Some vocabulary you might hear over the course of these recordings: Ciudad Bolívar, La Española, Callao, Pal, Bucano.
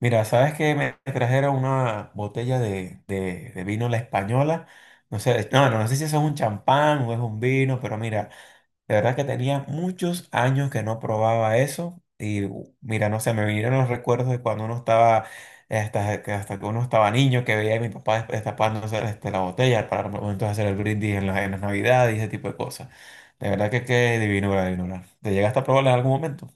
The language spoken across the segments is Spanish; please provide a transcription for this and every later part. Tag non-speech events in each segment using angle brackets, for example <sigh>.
Mira, sabes que me trajeron una botella de vino La Española. No sé, no sé si eso es un champán o es un vino, pero mira, de verdad que tenía muchos años que no probaba eso. Y mira, no sé, me vinieron los recuerdos de cuando uno estaba, hasta que uno estaba niño, que veía a mi papá destapándose la botella para momentos hacer el brindis en las Navidades y ese tipo de cosas. De verdad que qué divino, divino. ¿Te llegaste a probarla en algún momento?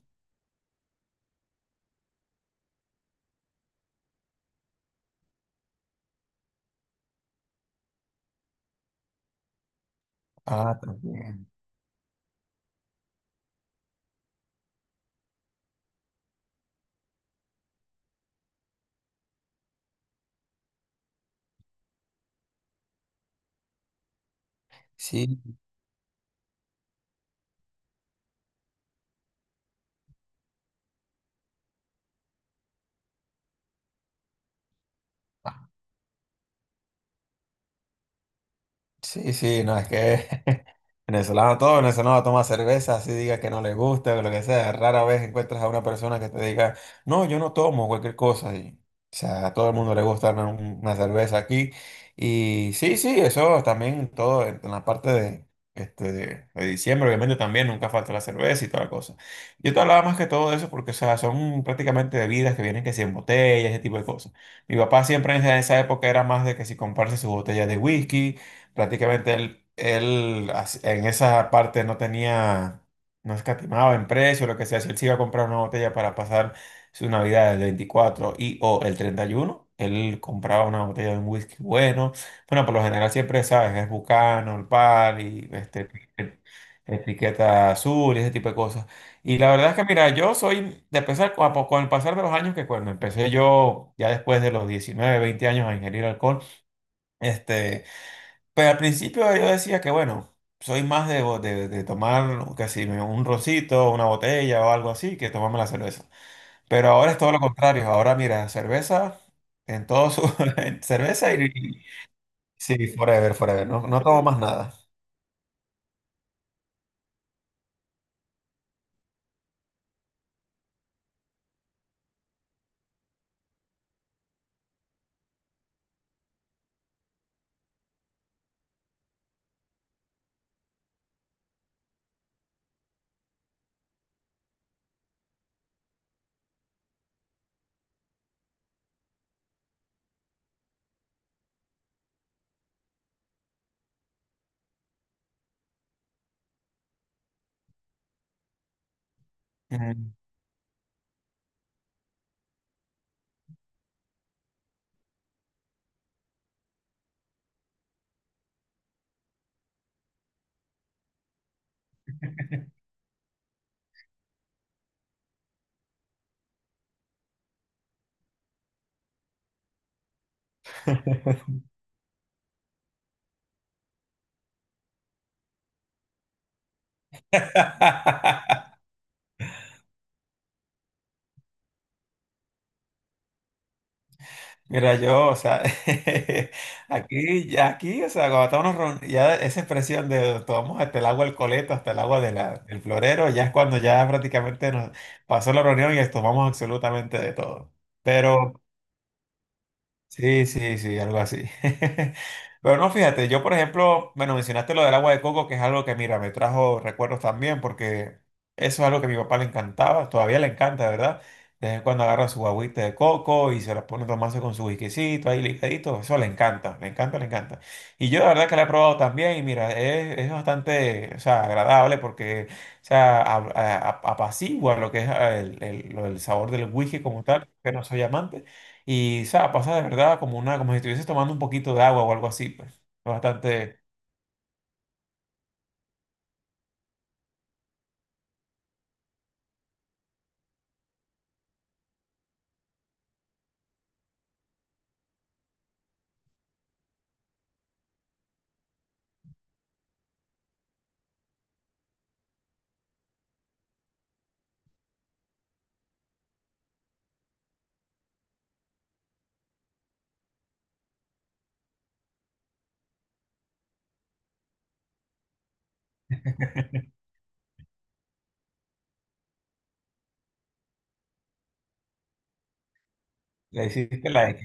Ah, también. Sí. Sí, sí, no, es que <laughs> venezolano, todo venezolano toma cerveza, así diga que no le gusta, o lo que sea. Rara vez encuentras a una persona que te diga, no, yo no tomo cualquier cosa. Y, o sea, a todo el mundo le gusta una cerveza aquí. Y sí, sí, eso también todo en la parte de, de diciembre, obviamente también nunca falta la cerveza y toda la cosa. Yo te hablaba más que todo de eso porque, o sea, son prácticamente bebidas que vienen que si en botellas, ese tipo de cosas. Mi papá siempre en esa época era más de que si comprarse su botella de whisky prácticamente él en esa parte no tenía, no escatimaba en precio, lo que sea. Si él se iba a comprar una botella para pasar su Navidad del 24 o el 31 él compraba una botella de un whisky bueno. Bueno, por lo general siempre, ¿sabes? Es Bucano, el Pal y etiqueta azul y ese tipo de cosas. Y la verdad es que, mira, yo soy, de pesar, con el pasar de los años, que cuando empecé yo, ya después de los 19 20 años a ingerir alcohol, este... Pero al principio yo decía que, bueno, soy más de tomar casi un rosito, una botella o algo así, que tomarme la cerveza. Pero ahora es todo lo contrario. Ahora, mira, cerveza en todo su... <laughs> en cerveza Sí, forever, forever. No, no tomo más nada. Mm. <laughs> Mira, yo, o sea, <laughs> aquí, ya aquí, o sea, cuando estamos ya esa expresión de tomamos hasta el agua del coleto, hasta el agua de del florero, ya es cuando ya prácticamente nos pasó la reunión y tomamos absolutamente de todo. Pero Sí, sí, sí, algo así. <laughs> Pero no, fíjate, yo por ejemplo, bueno, mencionaste lo del agua de coco, que es algo que, mira, me trajo recuerdos también, porque eso es algo que a mi papá le encantaba, todavía le encanta, ¿verdad? De vez en cuando agarra su agüita de coco y se la pone a tomarse con su whiskycito ahí ligadito, eso le encanta, le encanta, le encanta. Y yo la verdad que la he probado también y mira, es bastante, o sea, agradable porque, o sea, apacigua lo que es el sabor del whisky como tal, que no soy amante. Y, o sea, pasa de verdad como si estuvieses tomando un poquito de agua o algo así, pues. Bastante, le hiciste la X.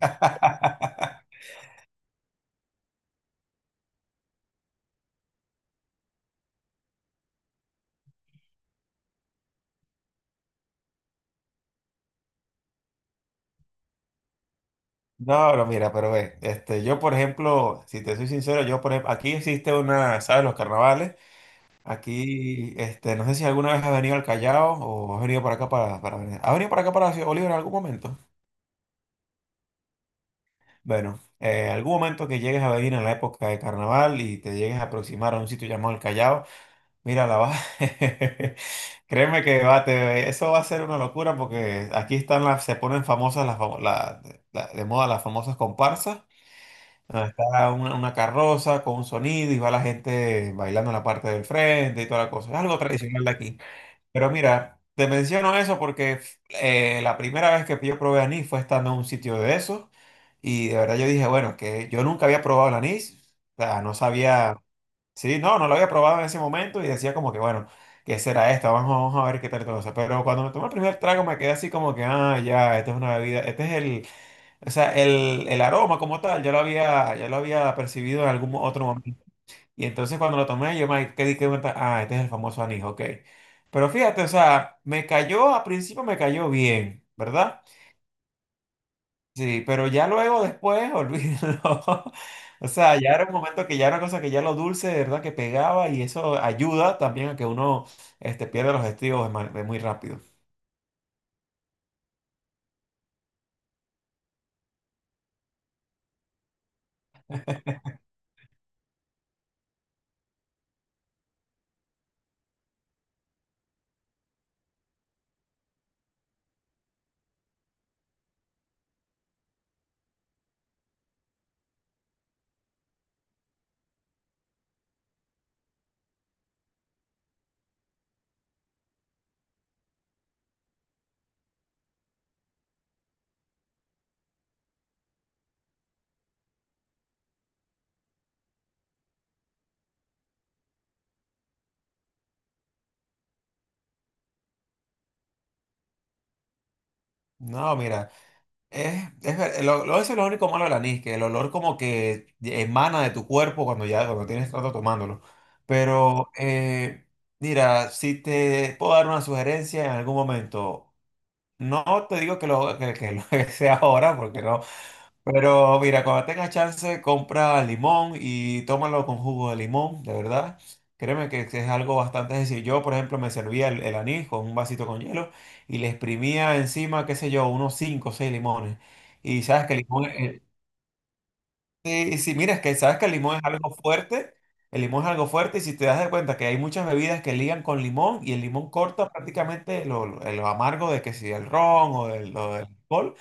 <laughs> No, pero mira, pero ve, yo por ejemplo, si te soy sincero, yo por ejemplo, aquí existe una, ¿sabes? Los carnavales, aquí, no sé si alguna vez has venido al Callao o has venido para acá ¿has venido para acá para Ciudad Bolívar en algún momento? Bueno, algún momento que llegues a venir en la época de carnaval y te llegues a aproximar a un sitio llamado el Callao, Mira, la va. <laughs> Créeme que va, eso va a ser una locura porque aquí están las, se ponen famosas las, de moda las famosas comparsas, donde está una carroza con un sonido y va la gente bailando en la parte del frente y toda la cosa. Es algo tradicional de aquí. Pero mira, te menciono eso porque la primera vez que yo probé anís fue estando en un sitio de esos y de verdad yo dije, bueno, que yo nunca había probado el anís, o sea, no sabía. Sí, no, no lo había probado en ese momento y decía como que, bueno, ¿qué será esto? Vamos, vamos a ver qué tal todo eso. Pero cuando me tomé el primer trago me quedé así como que, ah, ya, esto es una bebida, este es el, o sea, el aroma como tal, ya lo había percibido en algún otro momento. Y entonces cuando lo tomé yo me quedé que cuenta, ah, este es el famoso anís, ok. Pero fíjate, o sea, me cayó, al principio me cayó bien, ¿verdad? Sí, pero ya luego después, <laughs> olvídalo. O sea, ya era un momento que ya era una cosa que ya lo dulce, de verdad, que pegaba y eso ayuda también a que uno pierda los estribos de muy rápido. No, mira, es, ver- lo- eso es lo único malo del anís, que el olor como que emana de tu cuerpo cuando ya cuando tienes rato tomándolo. Pero, mira, si te puedo dar una sugerencia en algún momento, no te digo que lo <laughs> que sea ahora, porque no. Pero mira, cuando tengas chance, compra limón y tómalo con jugo de limón, de verdad. Créeme que es algo bastante sencillo. Yo, por ejemplo, me servía el anís con un vasito con hielo y le exprimía encima, qué sé yo, unos 5 o 6 limones. Y sabes que el limón, sí, sí, mira, es que sabes que el limón es algo fuerte. El limón es algo fuerte y si te das de cuenta que hay muchas bebidas que ligan con limón y el limón corta prácticamente lo amargo de que si el ron o del alcohol.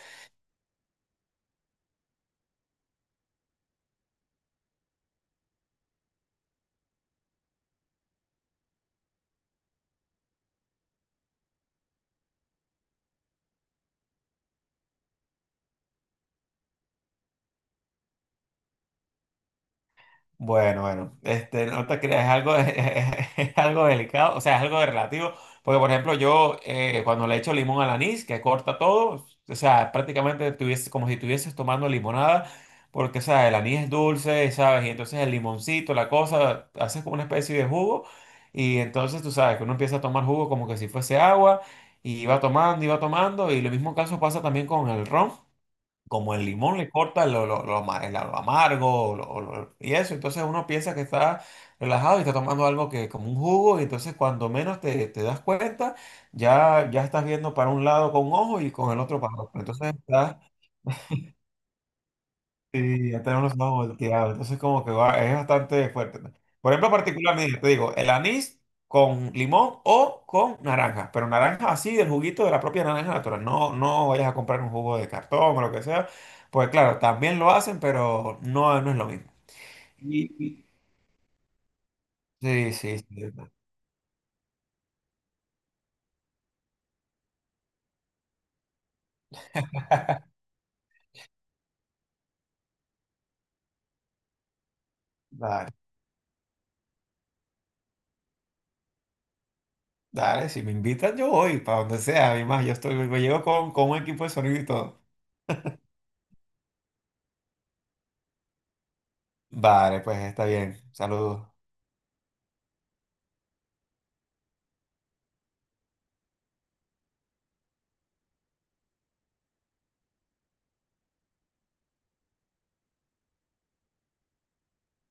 Bueno, bueno, no te creas, es algo, <laughs> es algo delicado, o sea, es algo de relativo, porque por ejemplo yo cuando le echo limón al anís, que corta todo, o sea, prácticamente tuviese, como si estuvieses tomando limonada, porque, o sea, el anís es dulce, ¿sabes? Y entonces el limoncito, la cosa, haces como una especie de jugo, y entonces tú sabes que uno empieza a tomar jugo como que si fuese agua, y va tomando, y va tomando, y lo mismo caso pasa también con el ron como el limón le corta lo amargo y eso, entonces uno piensa que está relajado y está tomando algo que como un jugo y entonces cuando menos te das cuenta ya, ya estás viendo para un lado con un ojo y con el otro para otro. Entonces estás Sí, ya tenemos más volteado, entonces como que es bastante fuerte. ¿No? Por ejemplo, particularmente, te digo, el anís con limón o con naranja, pero naranja así, del juguito de la propia naranja natural, no, no vayas a comprar un jugo de cartón o lo que sea, pues claro, también lo hacen, pero no, no es lo mismo. Y- Sí, sí, sí, dale, dale, si me invitan yo voy, para donde sea, además yo estoy, yo llego con un equipo de sonido y todo. Vale, pues está bien, saludos.